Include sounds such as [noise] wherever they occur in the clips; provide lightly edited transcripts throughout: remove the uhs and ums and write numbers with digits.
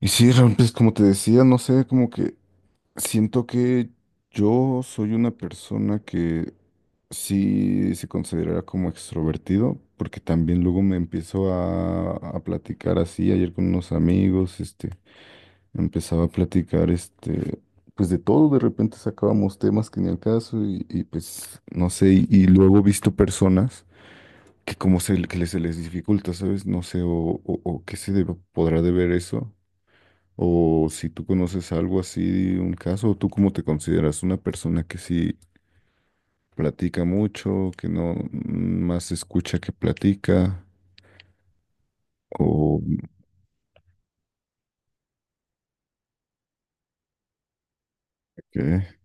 Y sí, Raúl, pues como te decía, no sé, como que siento que yo soy una persona que sí se considera como extrovertido, porque también luego me empiezo a platicar así, ayer con unos amigos, empezaba a platicar, pues de todo, de repente sacábamos temas que ni al caso pues, no sé, y luego he visto personas que que se les dificulta, ¿sabes? No sé, o podrá deber eso, o si tú conoces algo así, un caso. ¿Tú cómo te consideras? ¿Una persona que sí platica mucho, que no más escucha que platica? ¿O qué?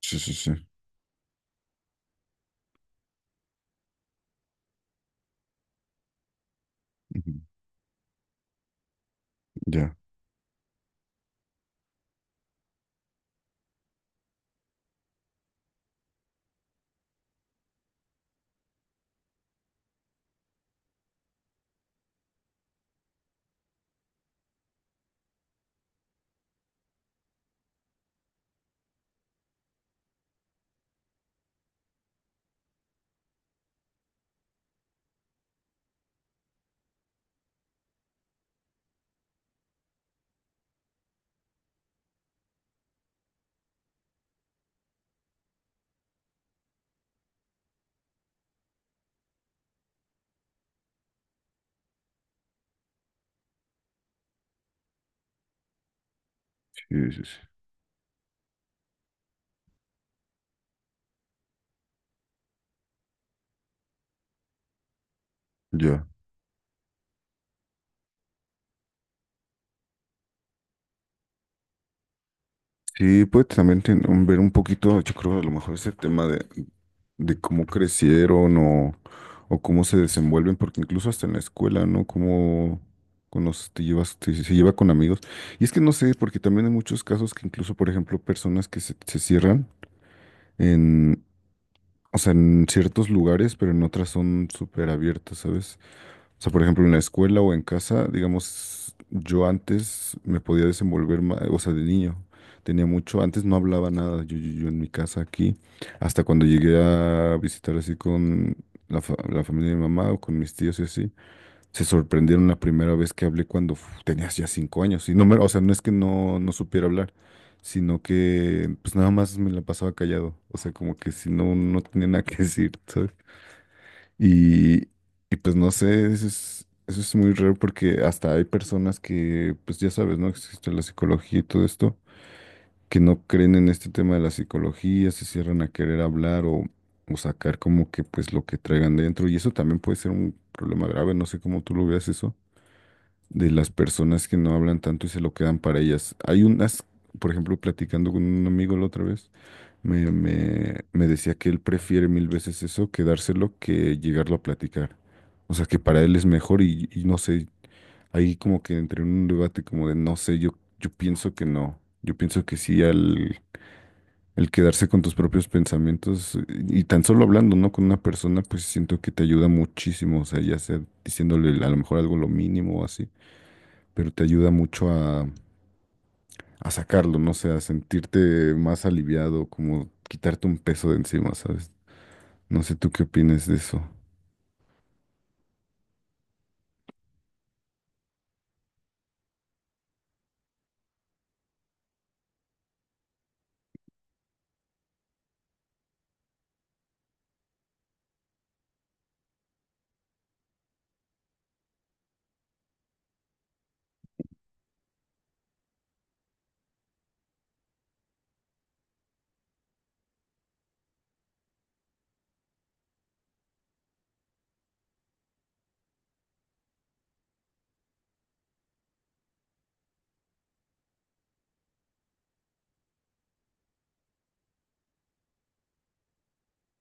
Sí, sí, sí. Ujú. Ya, sí, sí, sí. Ya. Sí, pues también ver un poquito, yo creo a lo mejor ese tema de cómo crecieron o cómo se desenvuelven, porque incluso hasta en la escuela, ¿no? Cómo con te se lleva con amigos. Y es que no sé, porque también hay muchos casos que incluso, por ejemplo, personas que se cierran en, o sea, en ciertos lugares, pero en otras son súper abiertas, ¿sabes? O sea, por ejemplo, en la escuela o en casa, digamos, yo antes me podía desenvolver más, o sea, de niño. Tenía mucho, antes no hablaba nada, yo en mi casa aquí, hasta cuando llegué a visitar así con la familia de mi mamá o con mis tíos y así, se sorprendieron la primera vez que hablé cuando uf, tenías ya 5 años. Y o sea, no es que no supiera hablar, sino que pues nada más me la pasaba callado, o sea, como que si no, no tenía nada que decir, y, y pues no sé, eso es muy raro porque hasta hay personas que, pues ya sabes, ¿no? Existe la psicología y todo esto, que no creen en este tema de la psicología, se cierran a querer hablar o sacar como que pues lo que traigan dentro. Y eso también puede ser un problema grave, no sé cómo tú lo veas eso, de las personas que no hablan tanto y se lo quedan para ellas. Hay unas, por ejemplo, platicando con un amigo la otra vez. Me decía que él prefiere mil veces eso que dárselo que llegarlo a platicar. O sea, que para él es mejor y no sé, ahí como que entré en un debate como de no sé, yo pienso que no. Yo pienso que sí, al, el quedarse con tus propios pensamientos y tan solo hablando, ¿no? Con una persona, pues siento que te ayuda muchísimo. O sea, ya sea diciéndole a lo mejor algo lo mínimo o así, pero te ayuda mucho a sacarlo, no sé, a sentirte más aliviado, como quitarte un peso de encima, ¿sabes? No sé tú qué opinas de eso.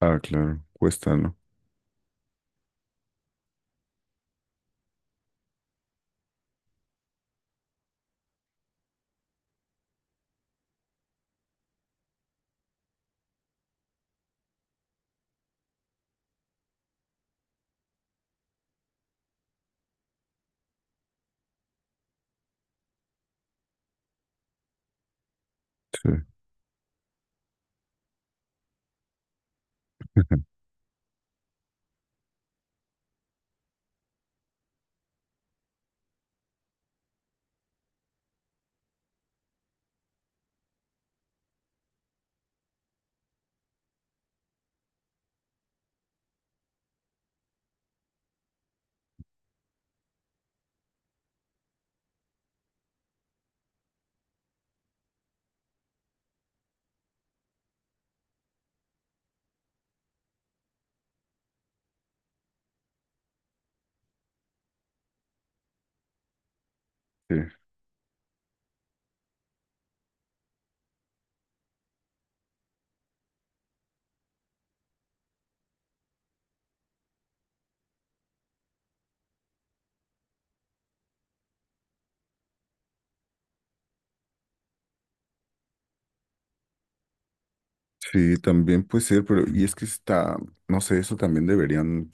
Ah, claro, cuesta, ¿no? Sí. [laughs] Sí, sí, también puede ser, pero y es que está, no sé, eso también deberían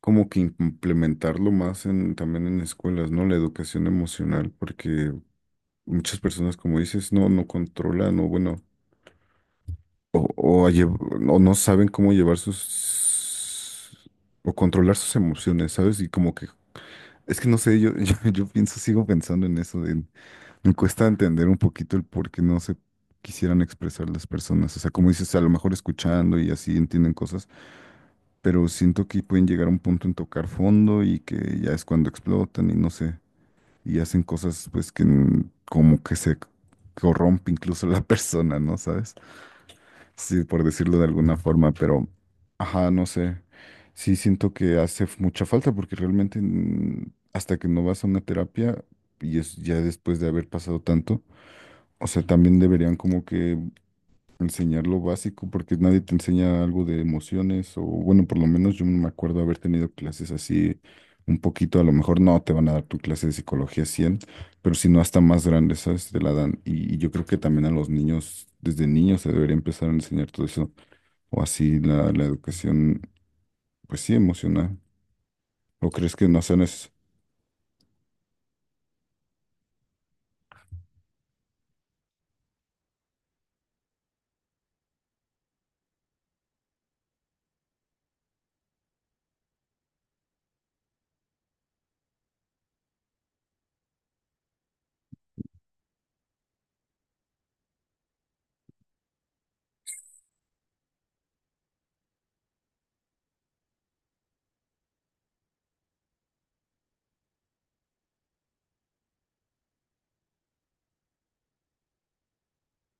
como que implementarlo más en, también en escuelas, ¿no? La educación emocional, porque muchas personas, como dices, no, no controlan, o bueno, a o no saben cómo llevar sus, o controlar sus emociones, ¿sabes? Y como que, es que no sé, yo, [laughs] yo pienso, sigo pensando en eso. Me cuesta entender un poquito el por qué no se quisieran expresar las personas. O sea, como dices, a lo mejor escuchando y así entienden cosas, pero siento que pueden llegar a un punto en tocar fondo y que ya es cuando explotan y no sé, y hacen cosas pues como que se corrompe incluso la [laughs] persona, ¿no? ¿Sabes? Sí, por decirlo de alguna forma, pero, ajá, no sé. Sí, siento que hace mucha falta porque realmente hasta que no vas a una terapia y es ya después de haber pasado tanto. O sea, también deberían como que enseñar lo básico, porque nadie te enseña algo de emociones, o bueno, por lo menos yo no me acuerdo haber tenido clases así un poquito, a lo mejor no te van a dar tu clase de psicología 100, pero si no hasta más grande, ¿sabes? Te la dan. Y yo creo que también a los niños, desde niños se debería empezar a enseñar todo eso, o así la educación, pues sí, emocional. ¿O crees que no sean es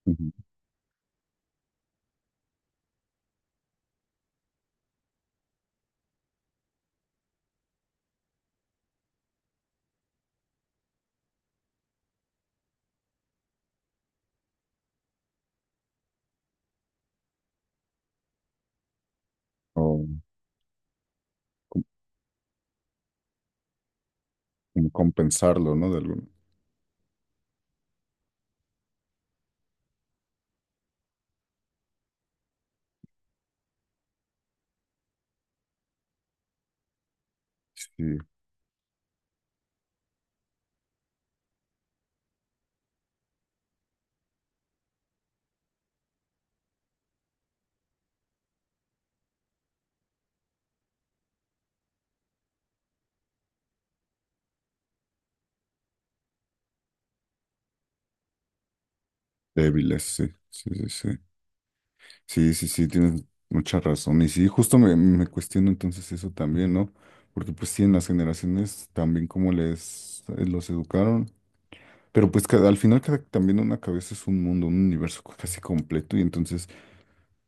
Ujú. O como compensarlo, ¿no? De algún, sí, débiles, sí, sí, sí, sí. Sí, sí, sí, tienes mucha razón. Y sí, justo me cuestiono entonces eso también, ¿no? Porque pues sí, en las generaciones también como les los educaron. Pero pues al final cada, también una cabeza es un mundo, un universo casi completo. Y entonces,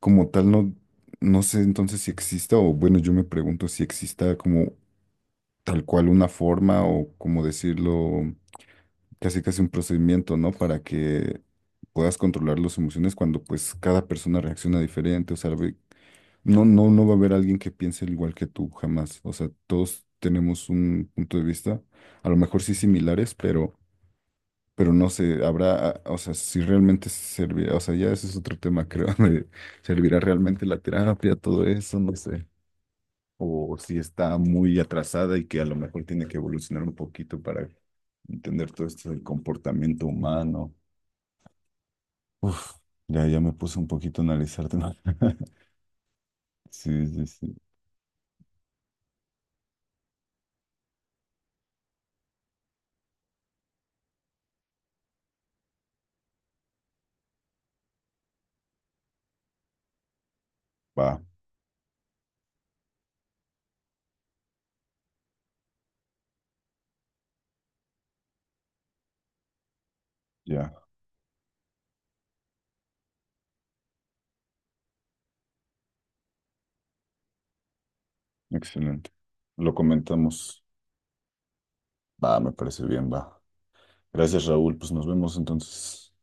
como tal, no, no sé entonces si exista, o bueno, yo me pregunto si exista como tal cual una forma o como decirlo, casi casi un procedimiento, ¿no? Para que puedas controlar las emociones cuando pues cada persona reacciona diferente, o sea, no va a haber alguien que piense al igual que tú, jamás. O sea, todos tenemos un punto de vista, a lo mejor sí similares, pero no sé, habrá, ah, o sea, si realmente servirá, o sea, ya ese es otro tema, creo, [laughs] de servirá realmente la terapia, todo eso, no sé. O si está muy atrasada y que a lo mejor tiene que evolucionar un poquito para entender todo esto del comportamiento humano. Uf, ya, ya me puse un poquito a analizarte, ¿no? [laughs] Sí, sí, sí. Va, ya. Excelente. Lo comentamos. Va, me parece bien, va. Gracias, Raúl. Pues nos vemos entonces.